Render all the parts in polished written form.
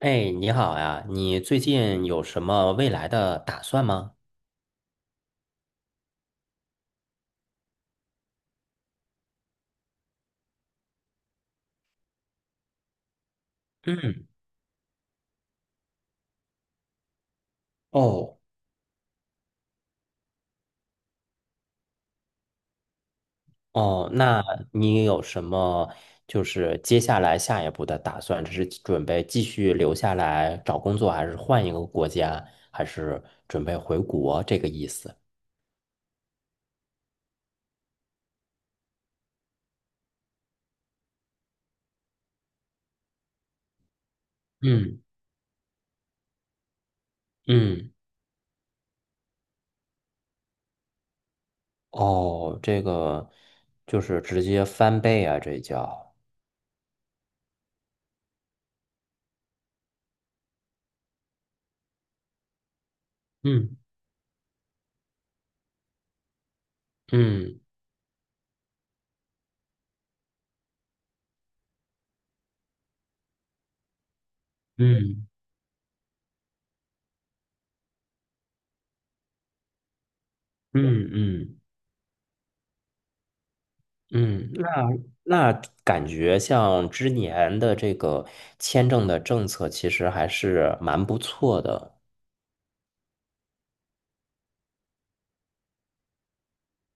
哎，你好呀，你最近有什么未来的打算吗？嗯，哦哦，那你有什么接下来下一步的打算？这是准备继续留下来找工作，还是换一个国家，还是准备回国这个意思？嗯嗯，哦，这个就是直接翻倍啊，这叫。嗯嗯嗯嗯嗯嗯嗯。那感觉像之年的这个签证的政策，其实还是蛮不错的。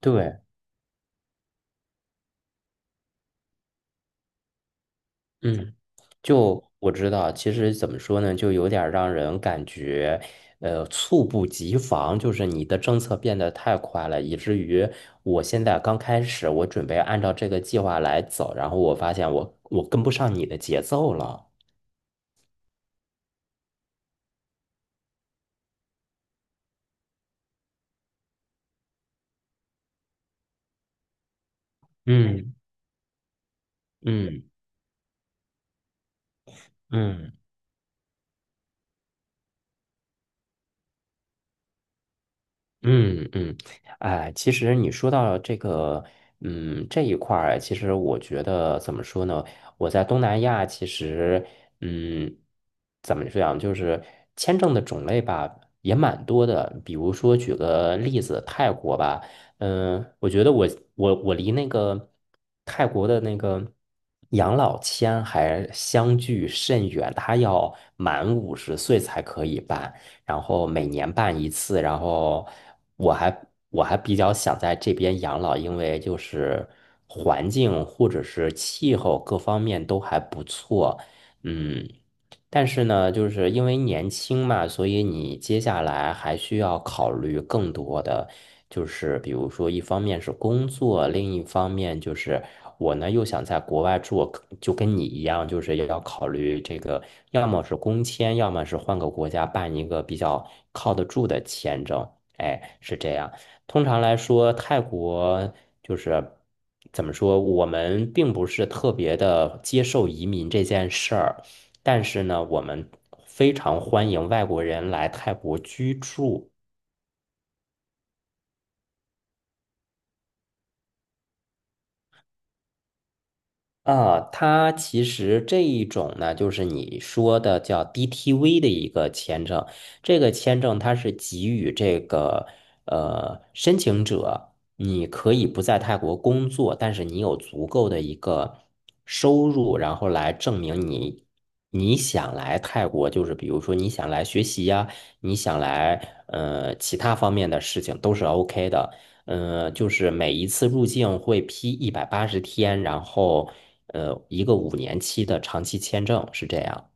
对，嗯，就我知道，其实怎么说呢，就有点儿让人感觉，猝不及防，就是你的政策变得太快了，以至于我现在刚开始，我准备按照这个计划来走，然后我发现我跟不上你的节奏了。嗯嗯嗯。嗯嗯，哎，其实你说到这个，嗯，这一块儿，其实我觉得怎么说呢？我在东南亚，其实，嗯，怎么讲，就是签证的种类吧，也蛮多的。比如说，举个例子，泰国吧，嗯，我觉得我离那个泰国的那个养老签还相距甚远，他要满五十岁才可以办。然后每年办一次，然后我还我还比较想在这边养老，因为就是环境或者是气候各方面都还不错，嗯。但是呢，就是因为年轻嘛，所以你接下来还需要考虑更多的，就是比如说，一方面是工作，另一方面就是我呢又想在国外住，就跟你一样，就是也要考虑这个，要么是工签，要么是换个国家办一个比较靠得住的签证。哎，是这样。通常来说，泰国就是怎么说，我们并不是特别的接受移民这件事儿。但是呢，我们非常欢迎外国人来泰国居住。啊，它其实这一种呢，就是你说的叫 DTV 的一个签证。这个签证它是给予这个申请者，你可以不在泰国工作，但是你有足够的一个收入，然后来证明你想来泰国，就是比如说你想来学习呀，你想来其他方面的事情都是 OK 的。就是每一次入境会批一百八十天，然后一个五年期的长期签证是这样。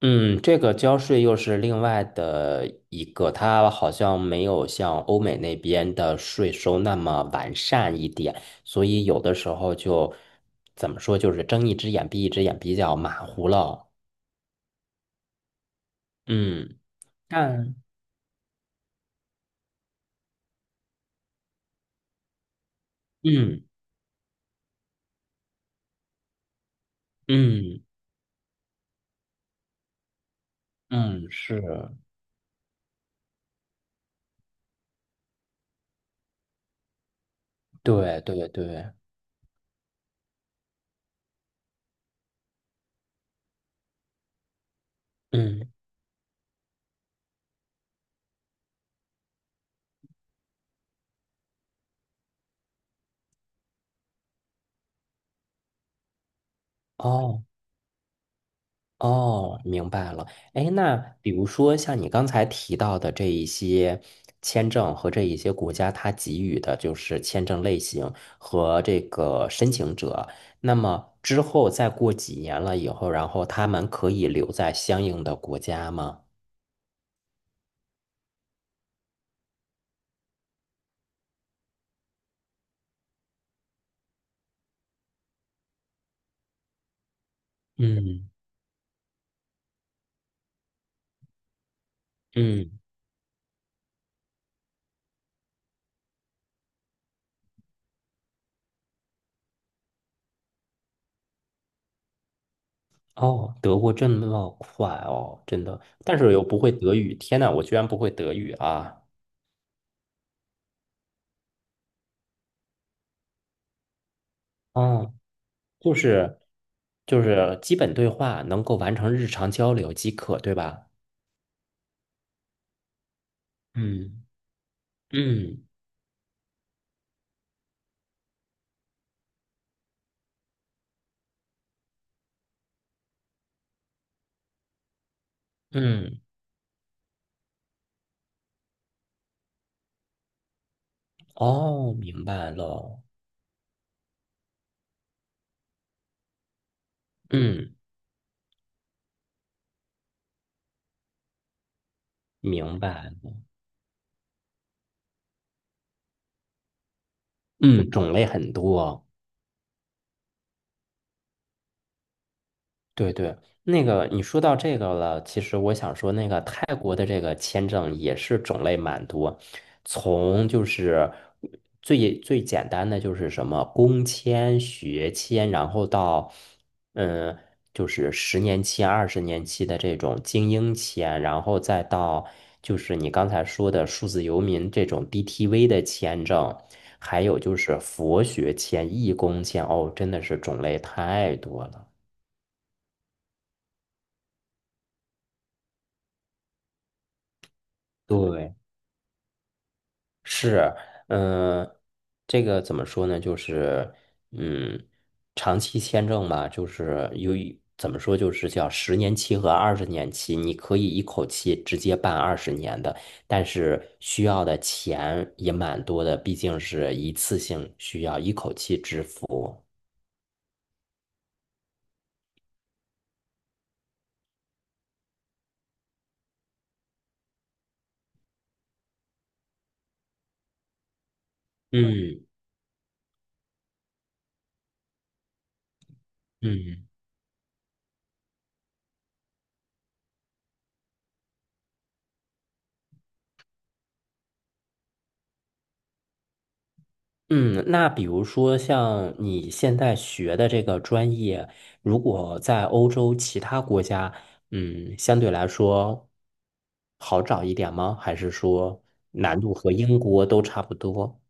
嗯，这个交税又是另外的一个，它好像没有像欧美那边的税收那么完善一点，所以有的时候就怎么说，就是睁一只眼闭一只眼，比较马虎了。嗯，但嗯嗯嗯嗯，是，对对对，嗯，哦。哦，明白了。哎，那比如说像你刚才提到的这一些签证和这一些国家它给予的就是签证类型和这个申请者，那么之后再过几年了以后，然后他们可以留在相应的国家吗？嗯嗯，哦，德国这么快哦，真的，但是又不会德语，天呐，我居然不会德语啊！哦。就是就是基本对话能够完成日常交流即可，对吧？嗯嗯嗯，哦，明白了，嗯，明白了嗯，种类很多。对对，那个你说到这个了，其实我想说，那个泰国的这个签证也是种类蛮多，从就是最最简单的就是什么工签、学签，然后到嗯，就是十年期、二十年期的这种精英签，然后再到就是你刚才说的数字游民这种 DTV 的签证，还有就是佛学签、义工签，哦，真的是种类太多了。对，是，嗯、这个怎么说呢？就是，嗯，长期签证嘛，就是由于怎么说，就是叫十年期和二十年期，你可以一口气直接办二十年的，但是需要的钱也蛮多的，毕竟是一次性需要一口气支付。嗯嗯。嗯，那比如说像你现在学的这个专业，如果在欧洲其他国家，嗯，相对来说好找一点吗？还是说难度和英国都差不多？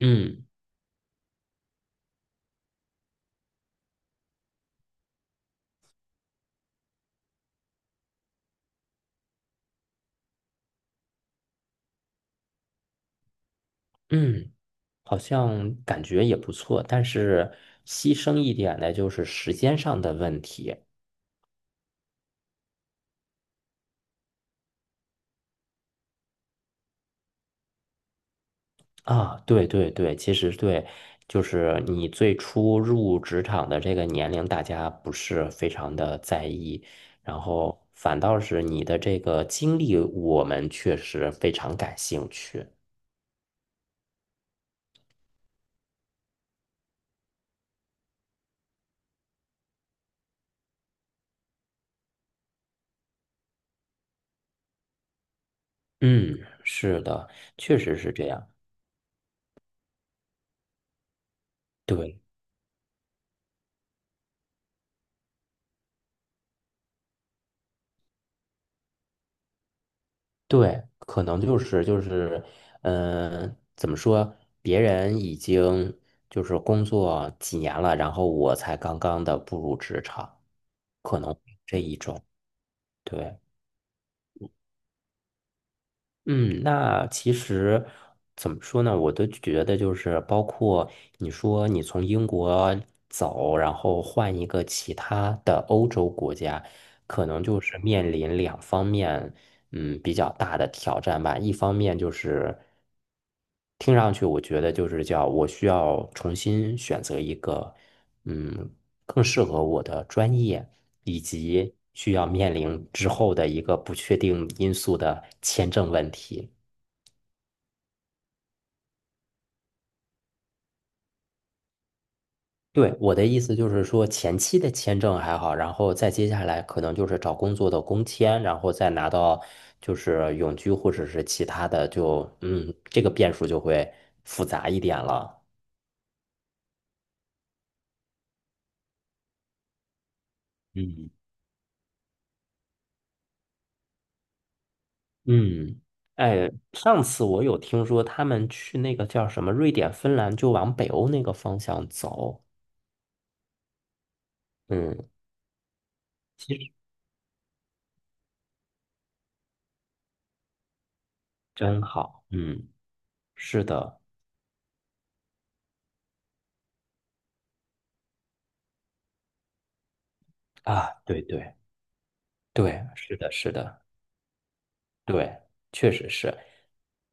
嗯嗯，好像感觉也不错，但是牺牲一点的就是时间上的问题。啊，对对对，其实对，就是你最初入职场的这个年龄，大家不是非常的在意，然后反倒是你的这个经历，我们确实非常感兴趣。嗯，是的，确实是这样。对对，可能就是，嗯、怎么说？别人已经就是工作几年了，然后我才刚刚的步入职场，可能对。嗯，那其实怎么说呢？我都觉得就是，包括你说你从英国走，然后换一个其他的欧洲国家，可能就是面临两方面，嗯，比较大的挑战吧。一方面就是听上去我觉得就是叫我需要重新选择一个，嗯，更适合我的专业。以及需要面临之后的一个不确定因素的签证问题。对，我的意思就是说，前期的签证还好，然后再接下来可能就是找工作的工签，然后再拿到就是永居或者是其他的就，嗯，这个变数就会复杂一点了。嗯，嗯，哎，上次我有听说他们去那个叫什么瑞典、芬兰，就往北欧那个方向走。嗯，其实真好。嗯，是的，啊，对对对，是的，是的，对，确实是。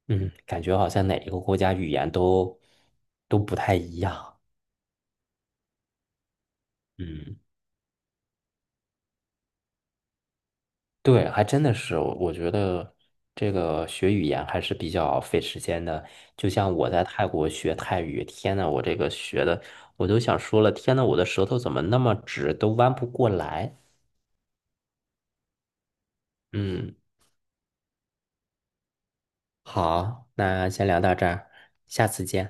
嗯，感觉好像哪一个国家语言都不太一样。嗯，对，还真的是，我觉得这个学语言还是比较费时间的。就像我在泰国学泰语，天呐，我这个学的，我都想说了，天呐，我的舌头怎么那么直，都弯不过来。嗯，好，那先聊到这儿，下次见。